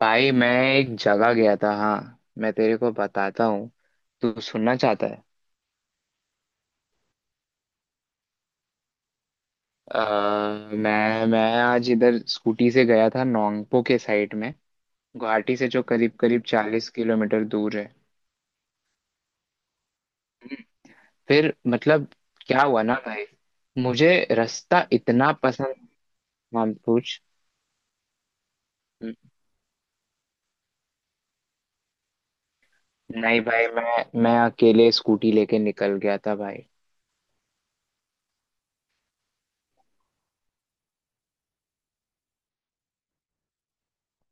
भाई मैं एक जगह गया था। हाँ, मैं तेरे को बताता हूँ। तू सुनना चाहता है? अ, मैं आज इधर स्कूटी से गया था नोंगपो के साइड में। गुवाहाटी से जो करीब करीब 40 किलोमीटर दूर है। फिर मतलब क्या हुआ ना भाई, मुझे रास्ता इतना पसंद। हाँ, पूछ। नहीं भाई, मैं अकेले स्कूटी लेके निकल गया था भाई।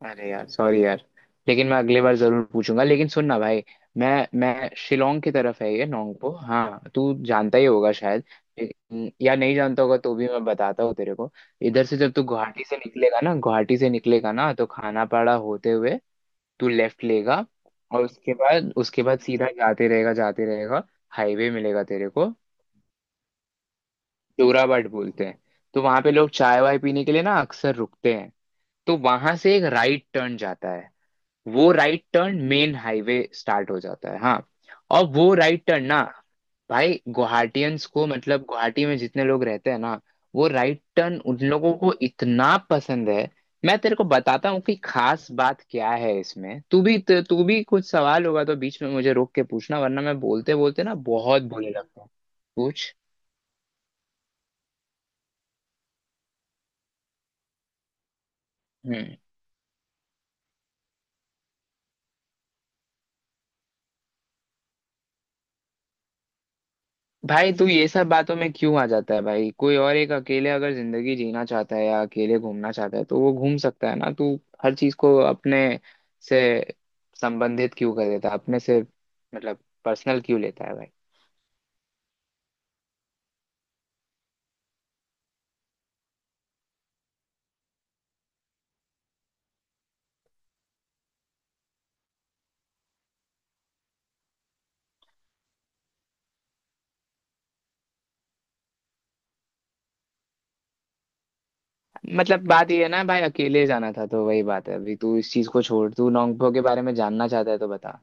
अरे यार, सॉरी यार। लेकिन मैं अगली बार जरूर पूछूंगा। लेकिन सुन ना भाई, मैं मैं शिलोंग की तरफ है ये नोंगपो। हाँ, तू जानता ही होगा शायद। या नहीं जानता होगा तो भी मैं बताता हूँ तेरे को। इधर से जब तू गुवाहाटी से निकलेगा ना, तो खानापाड़ा होते हुए तू लेफ्ट लेगा। और उसके बाद सीधा जाते रहेगा, जाते रहेगा। हाईवे मिलेगा तेरे को। जोराबाट बोलते हैं। तो वहां पे लोग चाय वाय पीने के लिए ना अक्सर रुकते हैं। तो वहां से एक राइट टर्न जाता है। वो right turn main highway start हो जाता है। हाँ, और वो राइट टर्न ना भाई गुवाहाटियंस को, मतलब गुवाहाटी में जितने लोग रहते हैं ना, वो राइट टर्न उन लोगों को इतना पसंद है। मैं तेरे को बताता हूँ कि खास बात क्या है इसमें। तू भी कुछ सवाल होगा तो बीच में मुझे रोक के पूछना, वरना मैं बोलते बोलते ना बहुत बोलने लगता हूँ। पूछ। हम्म। भाई तू ये सब बातों में क्यों आ जाता है भाई? कोई और एक अकेले अगर जिंदगी जीना चाहता है या अकेले घूमना चाहता है तो वो घूम सकता है ना। तू हर चीज को अपने से संबंधित क्यों कर देता है अपने से, मतलब पर्सनल क्यों लेता है भाई? मतलब बात ये है ना भाई, अकेले जाना था तो वही बात है। अभी तू इस चीज को छोड़। तू नोंगपो के बारे में जानना चाहता है तो बता।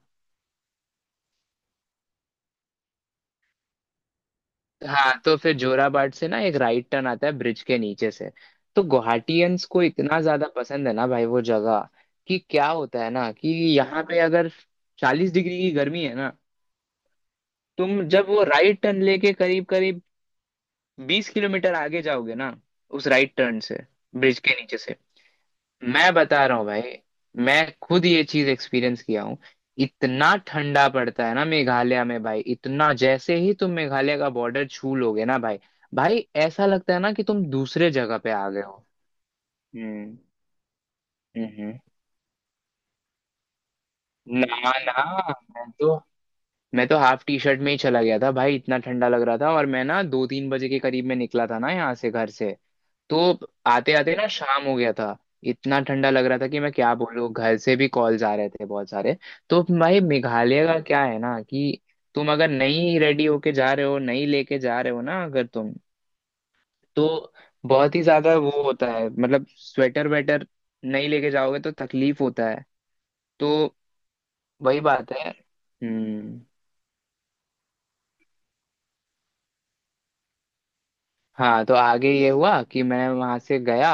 हाँ, तो फिर जोराबाट से ना एक राइट टर्न आता है ब्रिज के नीचे से। तो गुवाहाटियंस को इतना ज्यादा पसंद है ना भाई वो जगह। कि क्या होता है ना कि यहाँ पे अगर 40 डिग्री की गर्मी है ना, तुम जब वो राइट टर्न लेके करीब करीब 20 किलोमीटर आगे जाओगे ना, उस राइट टर्न से, ब्रिज के नीचे से, मैं बता रहा हूँ भाई, मैं खुद ये चीज एक्सपीरियंस किया हूँ। इतना ठंडा पड़ता है ना मेघालय में भाई। इतना जैसे ही तुम मेघालय का बॉर्डर छू लोगे ना भाई, भाई ऐसा लगता है ना कि तुम दूसरे जगह पे आ गए हो। हम्म, हम्म। ना, ना। मैं तो मैं तो हाफ टी शर्ट में ही चला गया था भाई। इतना ठंडा लग रहा था। और मैं ना दो तीन बजे के करीब में निकला था ना, यहाँ से, घर से। तो आते आते ना शाम हो गया था। इतना ठंडा लग रहा था कि मैं क्या बोलूँ, घर से भी कॉल्स आ रहे थे बहुत सारे। तो भाई मेघालय का क्या है ना कि तुम अगर नहीं रेडी होके जा रहे हो, नहीं लेके जा रहे हो ना, अगर तुम, तो बहुत ही ज्यादा वो होता है। मतलब स्वेटर वेटर नहीं लेके जाओगे तो तकलीफ होता है। तो वही बात है। हम्म। हाँ, तो आगे ये हुआ कि मैं वहां से गया।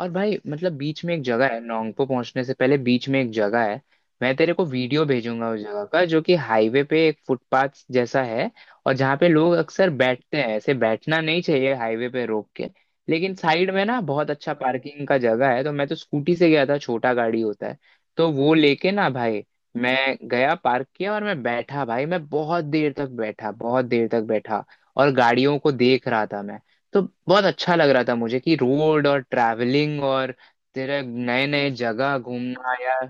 और भाई मतलब बीच में एक जगह है, नोंगपो पहुंचने से पहले बीच में एक जगह है। मैं तेरे को वीडियो भेजूंगा उस जगह का, जो कि हाईवे पे एक फुटपाथ जैसा है। और जहाँ पे लोग अक्सर बैठते हैं। ऐसे बैठना नहीं चाहिए हाईवे पे रोक के, लेकिन साइड में ना बहुत अच्छा पार्किंग का जगह है। तो मैं तो स्कूटी से गया था, छोटा गाड़ी होता है। तो वो लेके ना भाई मैं गया, पार्क किया और मैं बैठा भाई, मैं बहुत देर तक बैठा, बहुत देर तक बैठा। और गाड़ियों को देख रहा था मैं। तो बहुत अच्छा लग रहा था मुझे कि रोड और ट्रैवलिंग और तेरे नए नए जगह घूमना या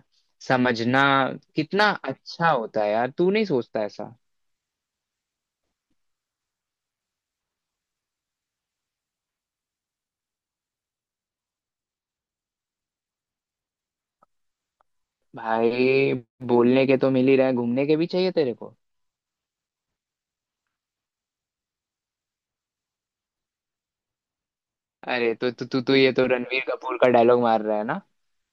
समझना कितना अच्छा होता है यार। तू नहीं सोचता ऐसा? भाई, बोलने के तो मिल ही रहा है, घूमने के भी चाहिए तेरे को। अरे तो तू तू तू ये तो रणवीर कपूर का डायलॉग मार रहा है ना।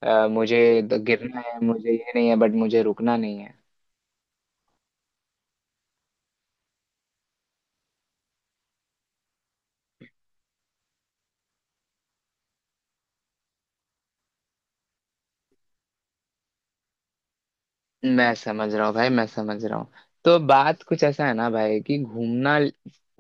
गिरना है, मुझे ये नहीं है। बट मुझे रुकना नहीं है। मैं समझ रहा हूँ भाई, मैं समझ रहा हूँ। तो बात कुछ ऐसा है ना भाई कि घूमना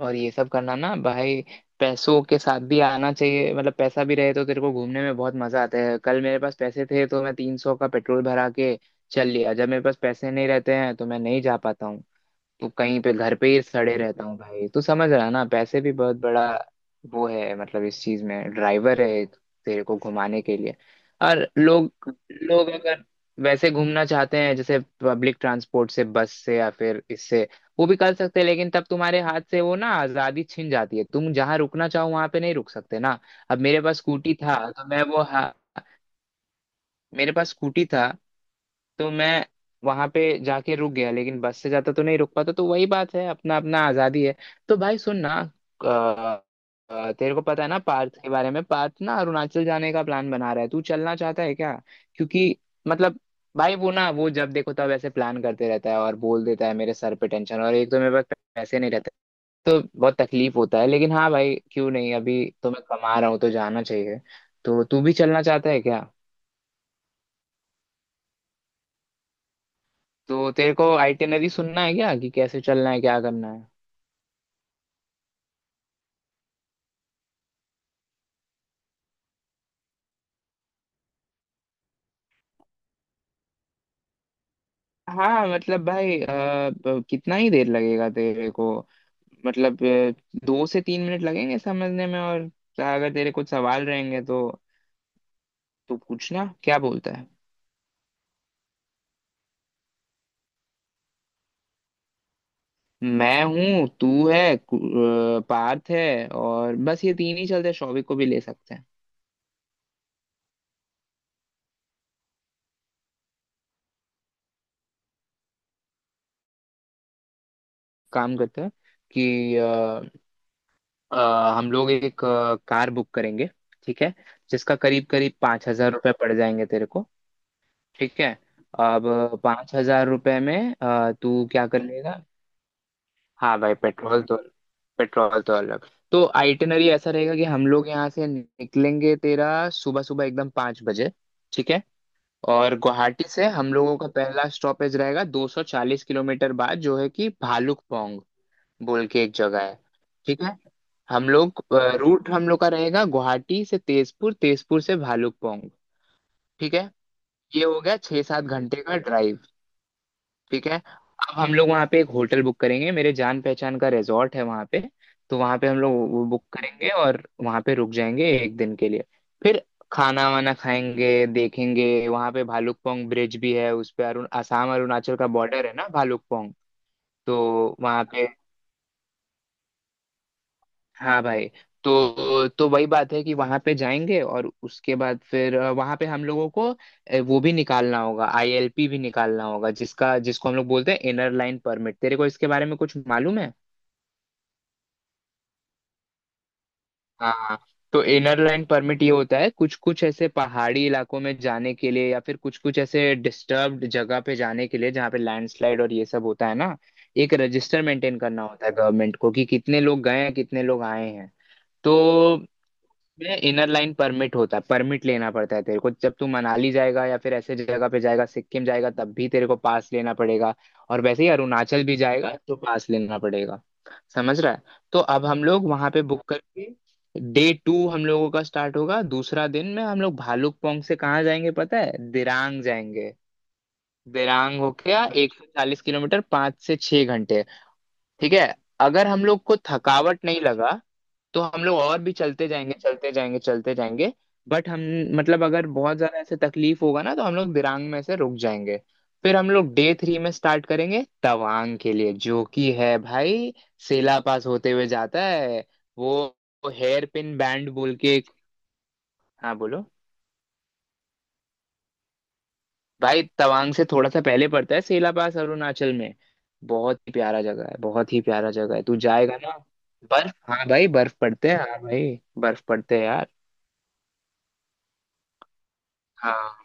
और ये सब करना ना भाई, पैसों के साथ भी आना चाहिए। मतलब पैसा भी रहे तो तेरे को घूमने में बहुत मजा आता है। कल मेरे पास पैसे थे तो मैं 300 का पेट्रोल भरा के चल लिया। जब मेरे पास पैसे नहीं रहते हैं तो मैं नहीं जा पाता हूँ। तो कहीं पे घर पे ही सड़े रहता हूँ भाई। तू समझ रहा है ना, पैसे भी बहुत बड़ा वो है। मतलब इस चीज में ड्राइवर है एक, तेरे को घुमाने के लिए। और लोग, लोग अगर वैसे घूमना चाहते हैं जैसे पब्लिक ट्रांसपोर्ट से, बस से या फिर इससे, वो भी कर सकते हैं। लेकिन तब तुम्हारे हाथ से वो ना आजादी छिन जाती है। तुम जहाँ रुकना चाहो वहां पे नहीं रुक सकते ना। अब मेरे पास स्कूटी था तो मैं वो, मेरे पास स्कूटी था तो मैं वहां पे जाके रुक गया। लेकिन बस से जाता तो नहीं रुक पाता। तो वही बात है, अपना अपना आजादी है। तो भाई सुन ना। अ, तेरे को पता है ना पार्थ के बारे में? पार्थ ना अरुणाचल जाने का प्लान बना रहा है। तू चलना चाहता है क्या? क्योंकि मतलब, भाई वो ना वो जब देखो तब ऐसे प्लान करते रहता है और बोल देता है, मेरे सर पे टेंशन। और एक तो मेरे पास पैसे नहीं रहते तो बहुत तकलीफ होता है। लेकिन हाँ भाई, क्यों नहीं, अभी तो मैं कमा रहा हूँ तो जाना चाहिए। तो तू भी चलना चाहता है क्या? तो तेरे को आइटिनरी सुनना है क्या, कि कैसे चलना है, क्या करना है? हाँ, मतलब भाई कितना ही देर लगेगा तेरे को? मतलब 2 से 3 मिनट लगेंगे समझने में। और अगर तेरे कुछ सवाल रहेंगे तो तू पूछना। क्या बोलता है? मैं हूँ, तू है, पार्थ है और बस ये तीन ही चलते हैं। शौविक को भी ले सकते हैं। काम करते हैं कि हम लोग एक कार बुक करेंगे। ठीक है? जिसका करीब करीब 5,000 रुपये पड़ जाएंगे तेरे को। ठीक है। अब 5,000 रुपये में तू क्या कर लेगा? हाँ भाई, पेट्रोल तो, पेट्रोल तो अलग। तो आइटिनरी ऐसा रहेगा कि हम लोग यहाँ से निकलेंगे, तेरा सुबह सुबह एकदम 5 बजे। ठीक है? और गुवाहाटी से हम लोगों का पहला स्टॉपेज रहेगा 240 किलोमीटर बाद, जो है कि भालुकपोंग बोल के एक जगह है। ठीक है? हम लोग, रूट हम लोग का रहेगा गुवाहाटी से तेजपुर, तेजपुर से भालुकपोंग। ठीक है? ये हो गया 6-7 घंटे का ड्राइव। ठीक है? अब हम लोग वहाँ पे एक होटल बुक करेंगे। मेरे जान पहचान का रिजॉर्ट है वहाँ पे। तो वहाँ पे हम लोग वो बुक करेंगे और वहाँ पे रुक जाएंगे एक दिन के लिए। फिर खाना वाना खाएंगे, देखेंगे। वहाँ पे भालुकपोंग ब्रिज भी है, उस पे अरुण आसाम अरुणाचल का बॉर्डर है ना, भालुकपोंग। तो वहाँ पे, हाँ भाई, तो वही बात है कि वहां पे जाएंगे। और उसके बाद फिर वहां पे हम लोगों को वो भी निकालना होगा, ILP भी निकालना होगा, जिसका जिसको हम लोग बोलते हैं इनर लाइन परमिट। तेरे को इसके बारे में कुछ मालूम है? हाँ, तो इनर लाइन परमिट ये होता है कुछ कुछ ऐसे पहाड़ी इलाकों में जाने के लिए, या फिर कुछ कुछ ऐसे डिस्टर्ब्ड जगह पे जाने के लिए, जहाँ पे लैंडस्लाइड और ये सब होता है ना। एक रजिस्टर मेंटेन करना होता है गवर्नमेंट को कि कितने लोग गए हैं, कितने लोग आए हैं। तो में इनर लाइन परमिट होता है, परमिट लेना पड़ता है तेरे को। जब तू मनाली जाएगा या फिर ऐसे जगह पे जाएगा, सिक्किम जाएगा तब भी तेरे को पास लेना पड़ेगा। और वैसे ही अरुणाचल भी जाएगा तो पास लेना पड़ेगा। समझ रहा है? तो अब हम लोग वहां पे बुक करके, डे टू हम लोगों का स्टार्ट होगा। दूसरा दिन में हम लोग भालुकपोंग से कहाँ जाएंगे पता है? दिरांग जाएंगे। दिरांग हो गया 140 किलोमीटर, 5 से 6 घंटे। ठीक है? अगर हम लोग को थकावट नहीं लगा तो हम लोग और भी चलते जाएंगे, चलते जाएंगे, चलते जाएंगे। बट हम, मतलब अगर बहुत ज्यादा ऐसे तकलीफ होगा ना तो हम लोग दिरांग में से रुक जाएंगे। फिर हम लोग डे थ्री में स्टार्ट करेंगे तवांग के लिए, जो कि है भाई सेला पास होते हुए जाता है। वो हेयर पिन बैंड बोल के एक। हाँ, बोलो। भाई, तवांग से थोड़ा सा पहले पड़ता है सेला पास, अरुणाचल में। बहुत ही प्यारा जगह है, बहुत ही प्यारा जगह है। तू जाएगा ना। बर्फ, हाँ भाई, बर्फ पड़ते हैं। हाँ भाई, बर्फ पड़ते हैं यार। हाँ,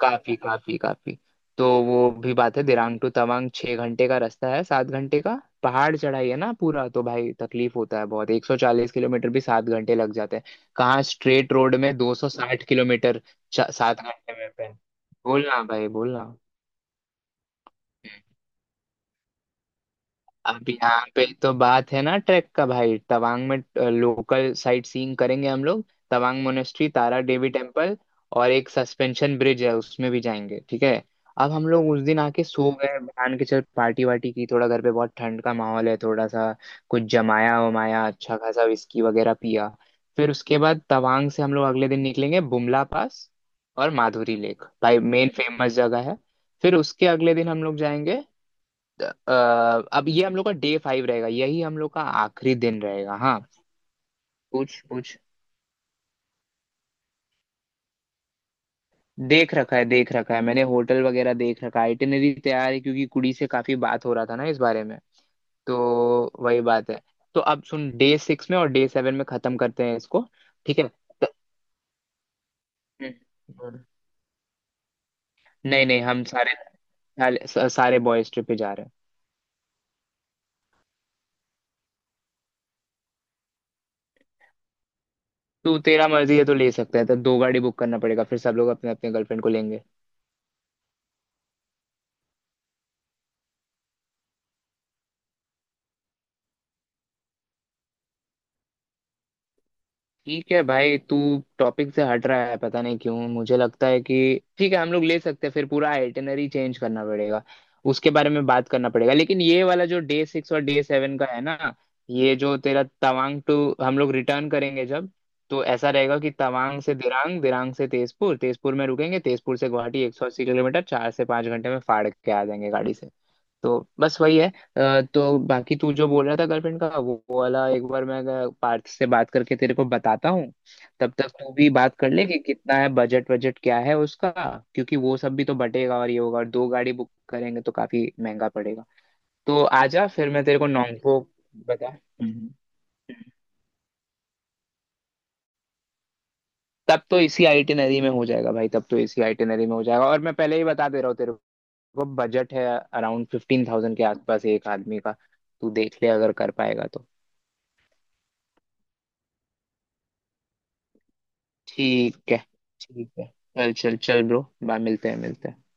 काफी काफी काफी। तो वो भी बात है, दिरांग टू तवांग 6 घंटे का रास्ता है, 7 घंटे का। पहाड़ चढ़ाई है ना पूरा, तो भाई तकलीफ होता है बहुत। 140 किलोमीटर भी 7 घंटे लग जाते हैं। कहाँ स्ट्रेट रोड में 260 किलोमीटर। 7 घंटे में पे। बोलना भाई, बोलना। अब यहाँ पे तो बात है ना ट्रैक का। भाई तवांग में लोकल साइट सीइंग करेंगे हम लोग। तवांग मोनेस्ट्री, तारा देवी टेम्पल, और एक सस्पेंशन ब्रिज है, उसमें भी जाएंगे। ठीक है? अब हम लोग उस दिन आके सो गए मान के चल। पार्टी वार्टी की, थोड़ा घर पे बहुत ठंड का माहौल है, थोड़ा सा कुछ जमाया वमाया, अच्छा खासा विस्की वगैरह पिया। फिर उसके बाद तवांग से हम लोग अगले दिन निकलेंगे बुमला पास और माधुरी लेक, भाई मेन फेमस जगह है। फिर उसके अगले दिन हम लोग जाएंगे। अ, अब ये हम लोग का डे फाइव रहेगा, यही हम लोग का आखिरी दिन रहेगा। हाँ, पूछ पूछ। देख रखा है, देख रखा है। मैंने होटल वगैरह देख रखा है, आइटिनरी तैयार है, क्योंकि कुड़ी से काफी बात हो रहा था ना इस बारे में। तो वही बात है। तो अब सुन, डे सिक्स में और डे सेवन में खत्म करते हैं इसको। ठीक है हम्म। नहीं नहीं, हम सारे, सारे सारे बॉयज ट्रिप पे जा रहे हैं। तू, तेरा मर्जी है तो ले सकता है। तो दो गाड़ी बुक करना पड़ेगा फिर, सब लोग अपने अपने गर्लफ्रेंड को लेंगे। ठीक है भाई, तू टॉपिक से हट रहा है पता नहीं क्यों। मुझे लगता है कि ठीक है, हम लोग ले सकते हैं फिर, पूरा आइटिनरी चेंज करना पड़ेगा, उसके बारे में बात करना पड़ेगा। लेकिन ये वाला जो डे सिक्स और डे सेवन का है ना, ये जो तेरा तवांग टू हम लोग रिटर्न करेंगे जब, तो ऐसा रहेगा कि तवांग से दिरांग, दिरांग से तेजपुर, तेजपुर में रुकेंगे, तेजपुर से गुवाहाटी 180 किलोमीटर, 4 से 5 घंटे में फाड़ के आ जाएंगे गाड़ी से। तो बस वही है। तो बाकी तू जो बोल रहा था गर्लफ्रेंड का, वो वाला एक बार मैं पार्थ से बात करके तेरे को बताता हूँ। तब तक तू भी बात कर ले कि कितना है बजट, बजट क्या है उसका। क्योंकि वो सब भी तो बटेगा, और ये होगा, और दो गाड़ी बुक करेंगे तो काफी महंगा पड़ेगा। तो आजा फिर मैं तेरे को नॉन्गपो बता। हम्म। तब तो इसी आइटिनरी में हो जाएगा भाई, तब तो इसी आइटिनरी में हो जाएगा। और मैं पहले ही बता दे रहा हूँ तेरे को, बजट है अराउंड 15,000 के आसपास, एक आदमी का। तू देख ले अगर कर पाएगा तो। ठीक है। ठीक है। चल चल चल ब्रो। बाय, मिलते हैं, मिलते हैं।